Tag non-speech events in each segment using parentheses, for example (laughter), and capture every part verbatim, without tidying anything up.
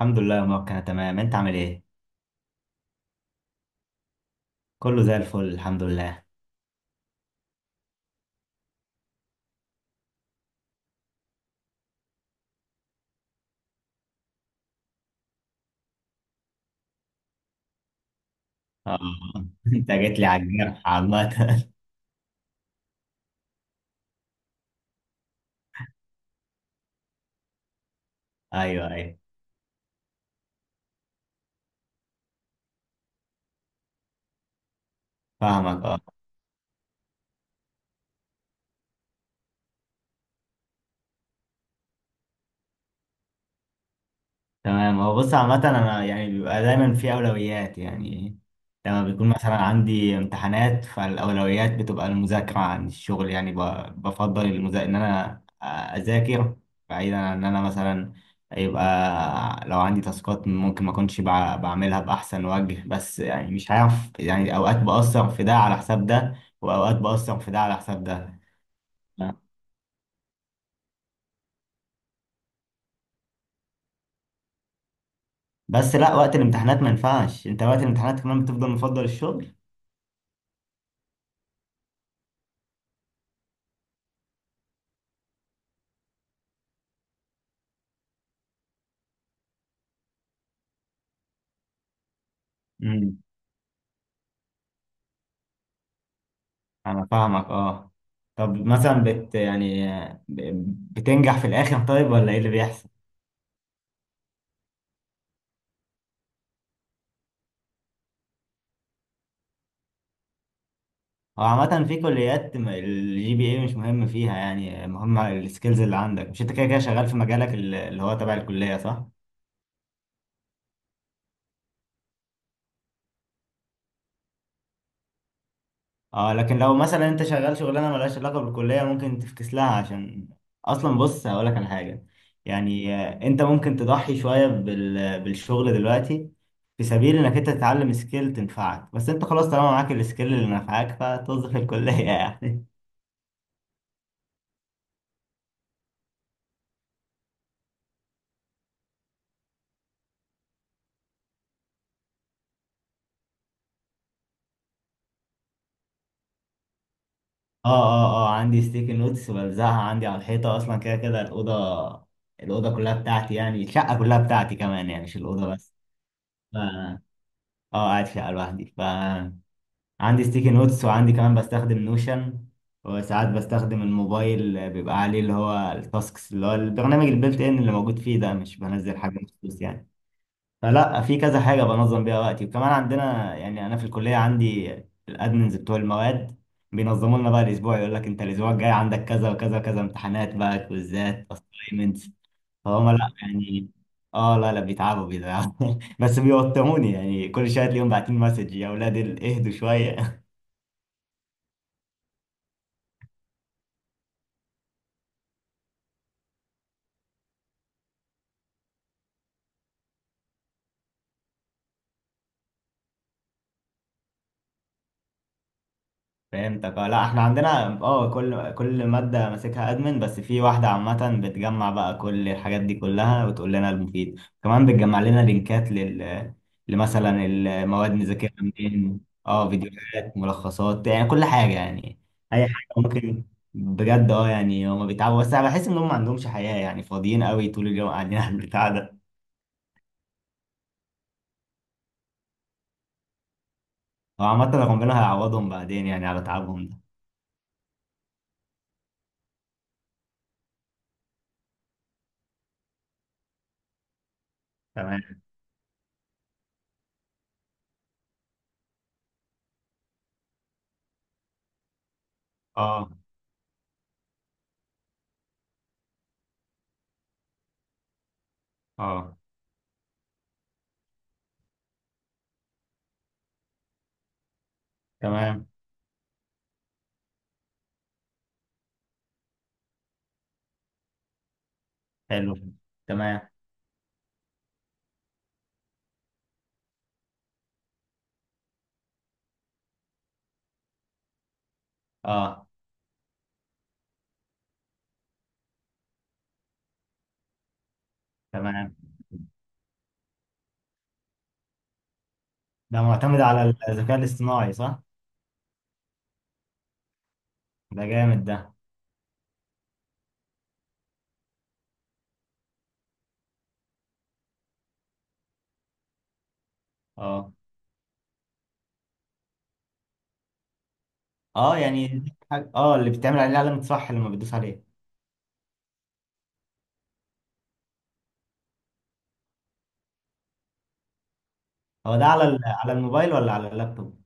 الحمد لله يا مروان، انا تمام. انت عامل ايه؟ كله زي الفل الحمد لله. اه (laughs) انت جيت لي على الجرح عامة. (laughs) ايوه ايوه. فاهمك اه. تمام. هو بص عامة أنا يعني بيبقى دايما في أولويات يعني. لما بيكون مثلا عندي امتحانات فالأولويات بتبقى المذاكرة عن الشغل، يعني ب- بفضل المذا... إن أنا أذاكر، بعيدا عن إن أنا مثلا يبقى لو عندي تاسكات ممكن ما أكونش بع- بعملها بأحسن وجه، بس يعني مش عارف، يعني أوقات بأثر في ده على حساب ده، وأوقات بأثر في ده على حساب ده. بس لا، وقت الامتحانات ما ينفعش. أنت وقت الامتحانات كمان بتفضل مفضل الشغل؟ انا فاهمك اه. طب مثلا بت يعني، ب- بتنجح في الاخر طيب، ولا ايه اللي بيحصل؟ هو عامة في كليات الجي بي اي مش مهم فيها، يعني مهم السكيلز اللي عندك. مش انت كده كده شغال في مجالك، ال- اللي هو تبع الكلية، صح؟ اه، لكن لو مثلا انت شغال شغلانه ملهاش علاقه بالكليه ممكن تفكس لها، عشان اصلا بص هقولك على حاجه. يعني آه، انت ممكن تضحي شويه بال... بالشغل دلوقتي في سبيل انك انت تتعلم سكيل تنفعك، بس انت خلاص طالما معاك السكيل اللي نفعك فتوظف الكليه يعني. (laughs) اه اه اه عندي ستيكي نوتس بلزقها عندي على الحيطه، اصلا كده كده الاوضه الاوضه كلها بتاعتي، يعني الشقه كلها بتاعتي كمان، يعني مش الاوضه بس. ف... اه، قاعد في شقه لوحدي. ف عندي ستيكي نوتس، وعندي كمان بستخدم نوشن، وساعات بستخدم الموبايل، بيبقى عليه اللي هو التاسكس اللي هو البرنامج البلت ان اللي موجود فيه ده، مش بنزل حاجة مخصوص يعني. فلا، في كذا حاجة بنظم بيها وقتي. وكمان عندنا، يعني أنا في الكلية، عندي الأدمنز بتوع المواد بينظموا لنا بقى الأسبوع، يقول لك أنت الأسبوع الجاي عندك كذا وكذا وكذا، امتحانات بقى، كويزات، أسايمنتس. فهم لا يعني، اه لا لا، بيتعبوا بيتعبوا (laughs) بس بيوتروني يعني. كل شويه تلاقيهم باعتين مسج، يا اولاد ال- اهدوا شويه. فهمتك اه. لا احنا عندنا، اه كل كل مادة ماسكها ادمن، بس في واحدة عامة بتجمع بقى كل الحاجات دي كلها وتقول لنا المفيد، كمان بتجمع لنا لينكات لل لمثلا المواد نذاكرها منين. اه، فيديوهات، ملخصات، يعني كل حاجة يعني، اي حاجة ممكن. بجد اه، يعني هما بيتعبوا، بس انا بحس ان هم ما عندهمش حياة يعني، فاضيين قوي طول اليوم قاعدين (laughs) على البتاع ده. هو عامة ربنا هيعوضهم بعدين يعني على تعبهم ده. تمام. اه. اه. تمام. حلو. تمام. اه. تمام. ده معتمد على الذكاء الاصطناعي صح؟ ده جامد ده. اه. اه يعني دي حاجة، اه اللي بتعمل عليه علامة صح لما بتدوس عليه. هو ده على ال- على الموبايل ولا على اللابتوب؟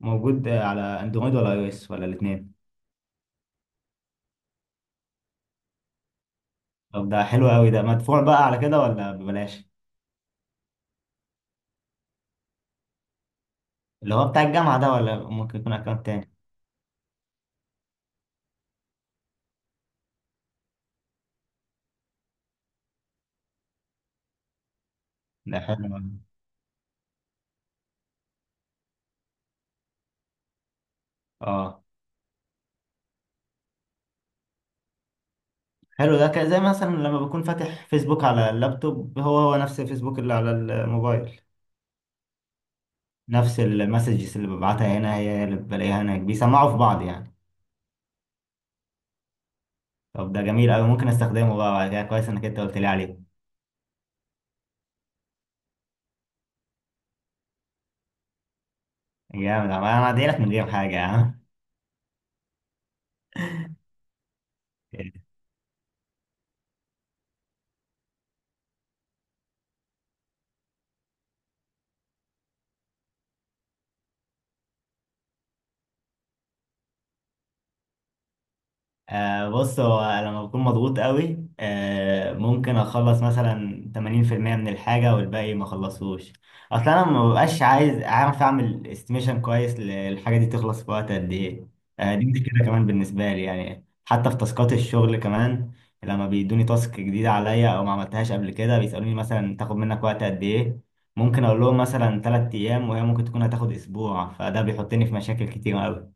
موجود آه، على اندرويد ولا اي او اس ولا الاثنين؟ طب ده حلو قوي. ده مدفوع بقى على كده ولا ببلاش؟ اللي هو بتاع الجامعة ده ولا ممكن يكون اكونت تاني؟ ده حلو أوي. اه. حلو، ده كده زي مثلا لما بكون فاتح فيسبوك على اللابتوب، هو هو نفس الفيسبوك اللي على الموبايل. نفس المسجز اللي ببعتها هنا هي اللي بلاقيها هناك، بيسمعوا في بعض يعني. طب ده جميل قوي، ممكن استخدمه بقى بعد كده. كويس انك انت قلت لي عليه. جامد عم- انا هدعي لك من غير حاجه يا عم. آه بص، هو لما بكون مضغوط قوي آه ممكن اخلص مثلا ثمانين في المية من الحاجة والباقي ما اخلصهوش. اصلا انا ما ببقاش عايز، اعرف اعمل استيميشن كويس للحاجة دي تخلص في وقت قد ايه. آه دي مشكلة كمان بالنسبة لي يعني، حتى في تاسكات الشغل كمان، لما بيدوني تاسك جديدة عليا او ما عملتهاش قبل كده بيسألوني مثلا تاخد منك وقت قد ايه، ممكن اقول لهم مثلا ثلاث ايام وهي ممكن تكون هتاخد اسبوع، فده بيحطني في مشاكل كتير قوي.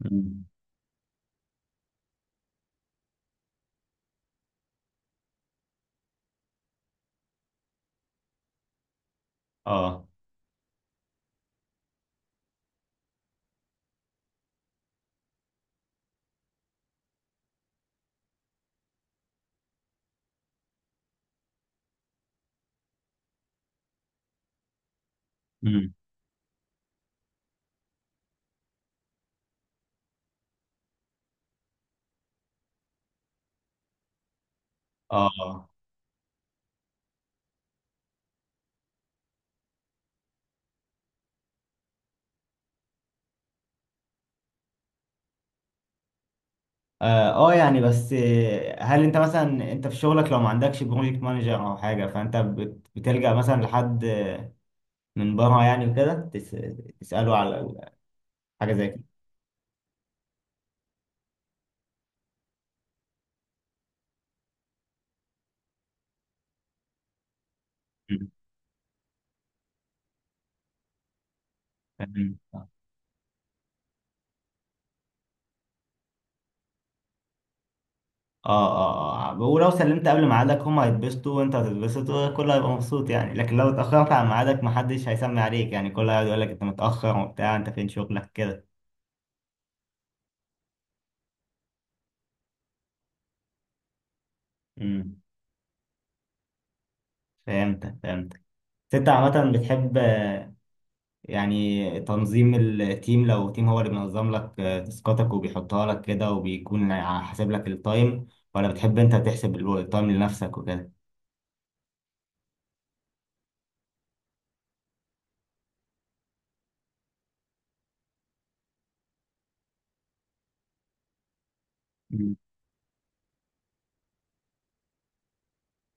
مم. اه. مم. اه. اه آه، يعني بس آه، هل انت مثلا انت في شغلك لو ما عندكش بروجكت مانجر او حاجه، فانت بت- بتلجأ مثلا لحد آه، من بره يعني وكده، تس- تسأله على ال- حاجه زي كده؟ مم. مم. اه اه اه، ولو سلمت قبل ميعادك هم هيتبسطوا وانت هتتبسط وكله هيبقى مبسوط يعني، لكن لو اتأخرت عن ميعادك محدش هيسمي عليك يعني، كله هيقعد يقول لك انت متأخر وبتاع، انت فين شغلك كده. مم. فهمتك فهمتك. بس انت عامة بتحب يعني تنظيم التيم، لو تيم هو اللي بينظم لك آه، تاسكاتك وبيحطها لك كده وبيكون حاسب لك التايم، ولا بتحب انت تحسب التايم لنفسك وكده؟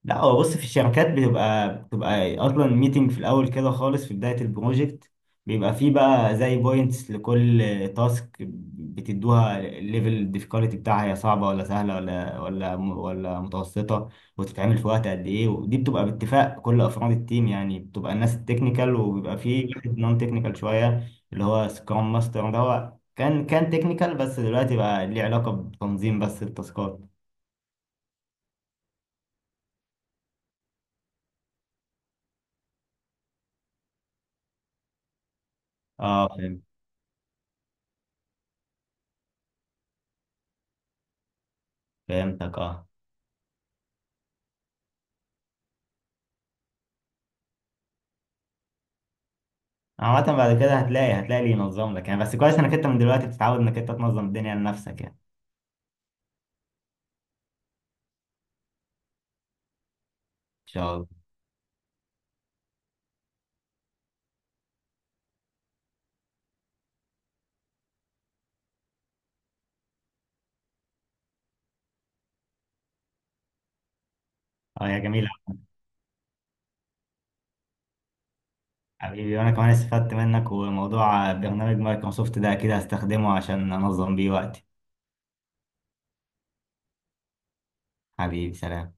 لا هو بص، في الشركات بتبقى بتبقى اصلا ميتنج في الاول كده خالص في بدايه البروجكت، بيبقى فيه بقى زي بوينتس لكل تاسك بتدوها، الليفل الديفيكالتي بتاعها، هي صعبه ولا سهله ولا ولا ولا متوسطه، وتتعمل في وقت قد ايه. ودي بتبقى باتفاق كل افراد التيم، يعني بتبقى الناس التكنيكال، وبيبقى فيه واحد نون تكنيكال شويه اللي هو سكرام ماستر ده، هو كان كان تكنيكال بس دلوقتي بقى ليه علاقه بتنظيم بس التاسكات. اه فهمت. فهمتك اه. عامة بعد كده هتلاقي هتلاقي اللي ينظم لك يعني، بس كويس انك انت من دلوقتي بتتعود انك انت تنظم الدنيا لنفسك يعني. ان شاء الله. اه يا جميل أوي. حبيبي، وانا كمان استفدت منك، وموضوع برنامج مايكروسوفت ده اكيد هستخدمه عشان انظم بيه وقتي. حبيبي سلام.